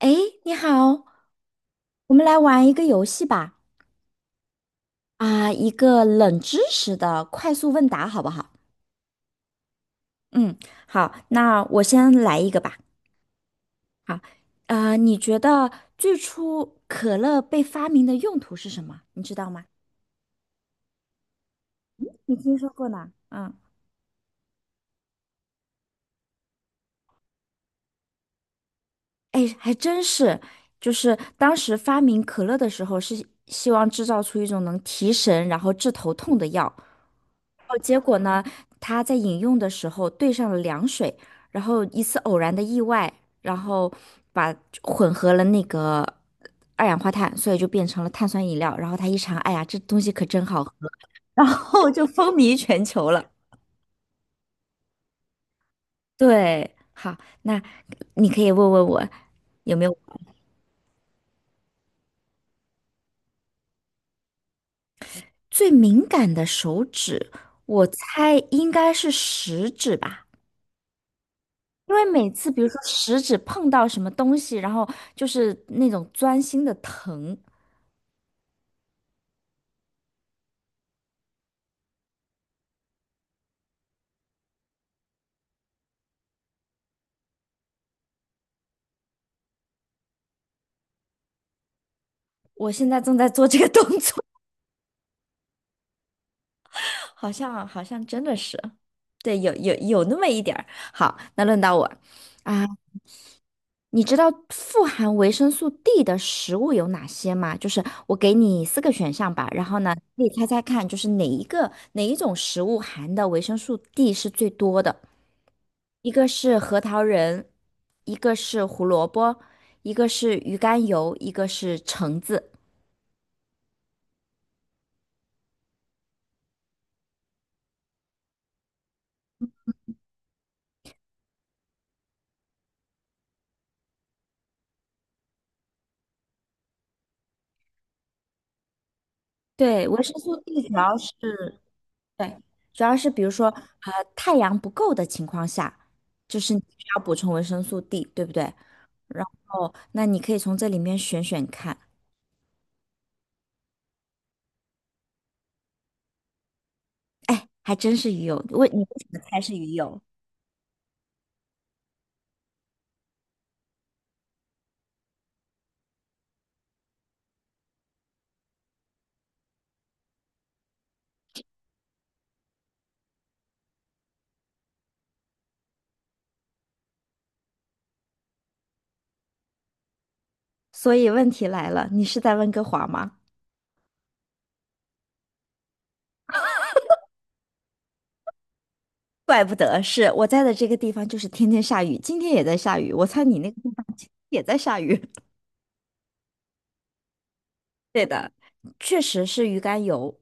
哎，你好，我们来玩一个游戏吧。啊，一个冷知识的快速问答，好不好？嗯，好，那我先来一个吧。好，你觉得最初可乐被发明的用途是什么？你知道吗？你听说过呢？嗯，哎，还真是，就是当时发明可乐的时候，是希望制造出一种能提神然后治头痛的药，哦，结果呢，他在饮用的时候兑上了凉水，然后一次偶然的意外，然后把混合了那个二氧化碳，所以就变成了碳酸饮料。然后他一尝，哎呀，这东西可真好喝，然后就风靡全球了。对，好，那你可以问问我有没有最敏感的手指，我猜应该是食指吧。因为每次比如说食指碰到什么东西，然后就是那种钻心的疼。我现在正在做这个动作，好像真的是，对，有那么一点儿。好，那轮到我啊，你知道富含维生素 D 的食物有哪些吗？就是我给你四个选项吧，然后呢，你猜猜看，就是哪一种食物含的维生素 D 是最多的？一个是核桃仁，一个是胡萝卜，一个是鱼肝油，一个是橙子。对，维生素 D 主要是，对，主要是比如说，太阳不够的情况下，就是你需要补充维生素 D，对不对？然后那你可以从这里面选选看。哎，还真是鱼油，问你为什么猜是鱼油？所以问题来了，你是在温哥华吗？怪不得是我在的这个地方，就是天天下雨，今天也在下雨。我猜你那个地方今天也在下雨。对的，确实是鱼肝油，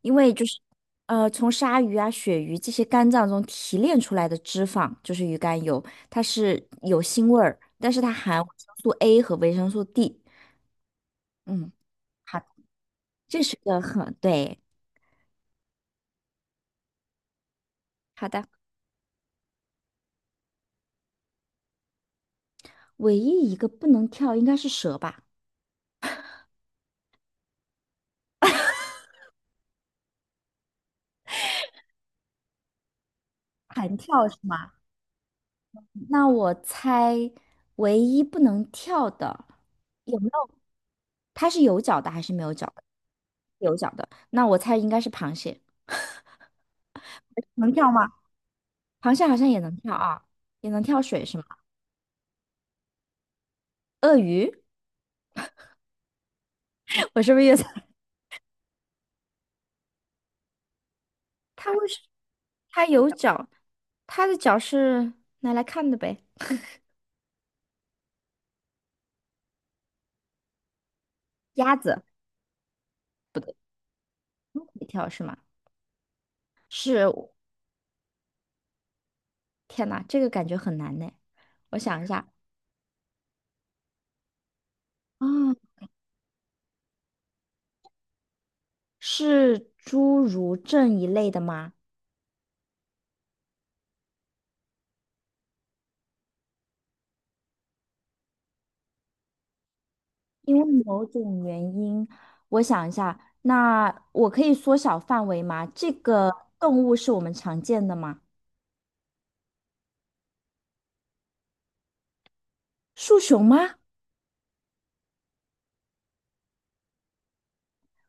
因为就是从鲨鱼啊、鳕鱼这些肝脏中提炼出来的脂肪就是鱼肝油，它是有腥味儿，但是它含维生素 A 和维生素 D。嗯。好。这是个很对。好的，唯一一个不能跳应该是蛇吧？弹跳是吗？那我猜唯一不能跳的有没有？它是有脚的还是没有脚的？有脚的，那我猜应该是螃蟹。能跳吗？螃蟹好像也能跳啊，也能跳水是吗？鳄鱼，我是不是越猜 它为什它有脚，它的脚是拿来看的呗。鸭子，它可以跳是吗？是，天呐，这个感觉很难呢。我想一下，啊，是侏儒症一类的吗？因为某种原因，我想一下，那我可以缩小范围吗？这个动物是我们常见的吗？树熊吗？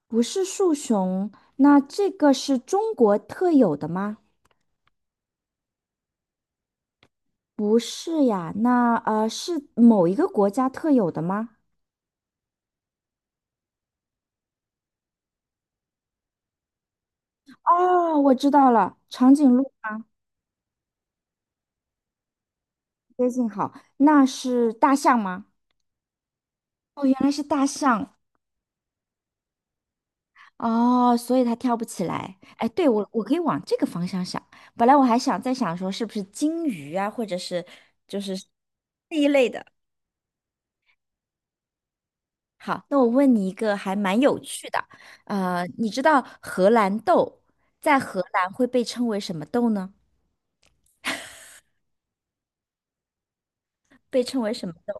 不是树熊，那这个是中国特有的吗？不是呀，那呃是某一个国家特有的吗？哦，我知道了，长颈鹿接近好，那是大象吗？哦，原来是大象哦，所以它跳不起来。哎，对，我可以往这个方向想。本来我还想再想说是不是金鱼啊，或者是这一类的。好，那我问你一个还蛮有趣的，你知道荷兰豆在荷兰会被称为什么豆呢？被称为什么豆？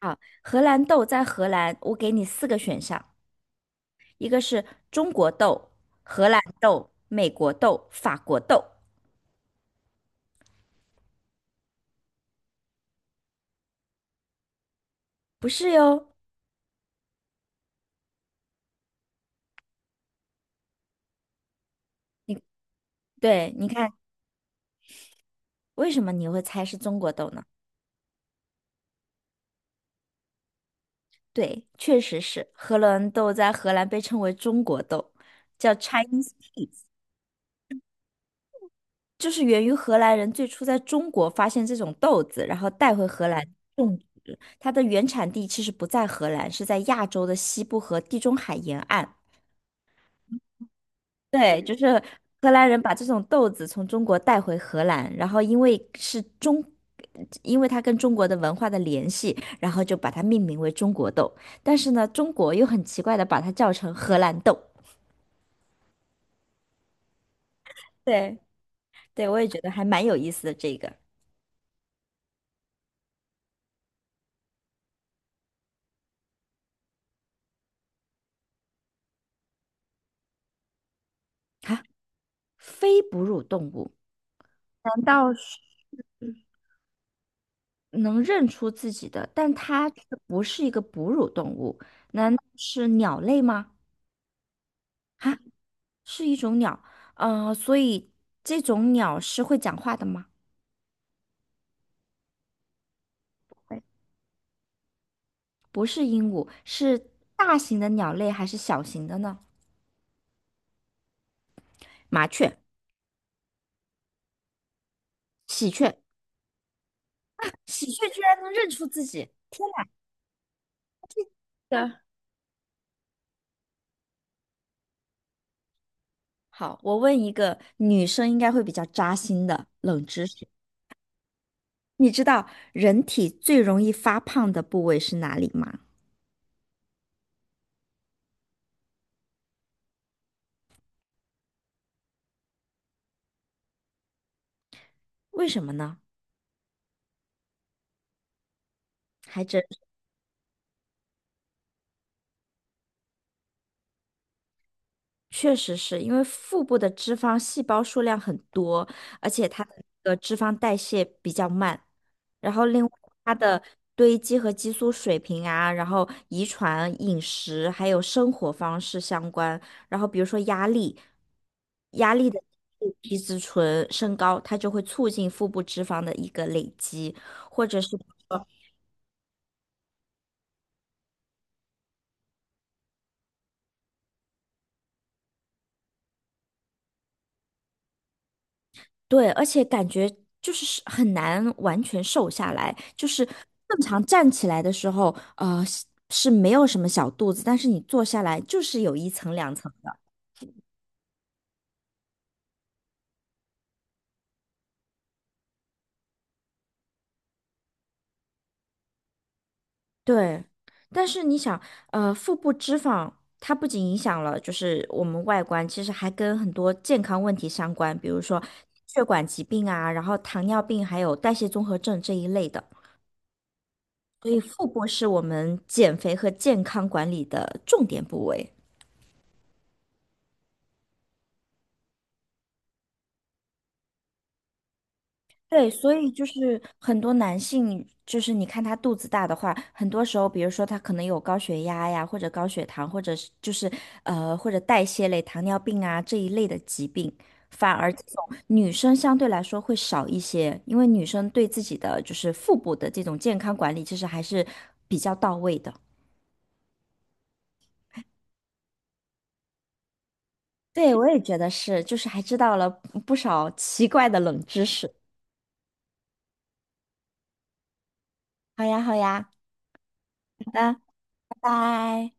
啊，荷兰豆在荷兰，我给你四个选项，一个是中国豆、荷兰豆、美国豆、法国豆，不是哟。对，你看。为什么你会猜是中国豆呢？对，确实是荷兰豆，在荷兰被称为中国豆，叫 Chinese，就是源于荷兰人最初在中国发现这种豆子，然后带回荷兰种。它的原产地其实不在荷兰，是在亚洲的西部和地中海沿岸。对，就是荷兰人把这种豆子从中国带回荷兰，然后因为它跟中国的文化的联系，然后就把它命名为中国豆。但是呢，中国又很奇怪的把它叫成荷兰豆。对，对，我也觉得还蛮有意思的这个啊，非哺乳动物难道是？能认出自己的，但它却不是一个哺乳动物，难道是鸟类吗？啊是一种鸟，呃，所以这种鸟是会讲话的吗？会不是鹦鹉，是大型的鸟类还是小型的呢？麻雀、喜鹊，喜鹊居然能认出自己，天哪！的，好，我问一个女生应该会比较扎心的冷知识，你知道人体最容易发胖的部位是哪里吗？为什么呢？还真。确实是因为腹部的脂肪细胞数量很多，而且它的那个脂肪代谢比较慢，然后另外它的堆积和激素水平啊，然后遗传、饮食还有生活方式相关，然后比如说压力，压力的皮质醇升高，它就会促进腹部脂肪的一个累积。或者。对，而且感觉就是很难完全瘦下来，就是正常站起来的时候，呃，是没有什么小肚子，但是你坐下来就是有一层两层的。对，但是你想，呃，腹部脂肪它不仅影响了就是我们外观，其实还跟很多健康问题相关，比如说血管疾病啊，然后糖尿病，还有代谢综合症这一类的。所以腹部是我们减肥和健康管理的重点部位。对，所以就是很多男性，就是你看他肚子大的话，很多时候，比如说他可能有高血压呀，或者高血糖，或者是就是或者代谢类糖尿病啊这一类的疾病，反而这种女生相对来说会少一些，因为女生对自己的就是腹部的这种健康管理，其实还是比较到位的。对，我也觉得是，就是还知道了不少奇怪的冷知识。好呀，好呀，好的，拜拜。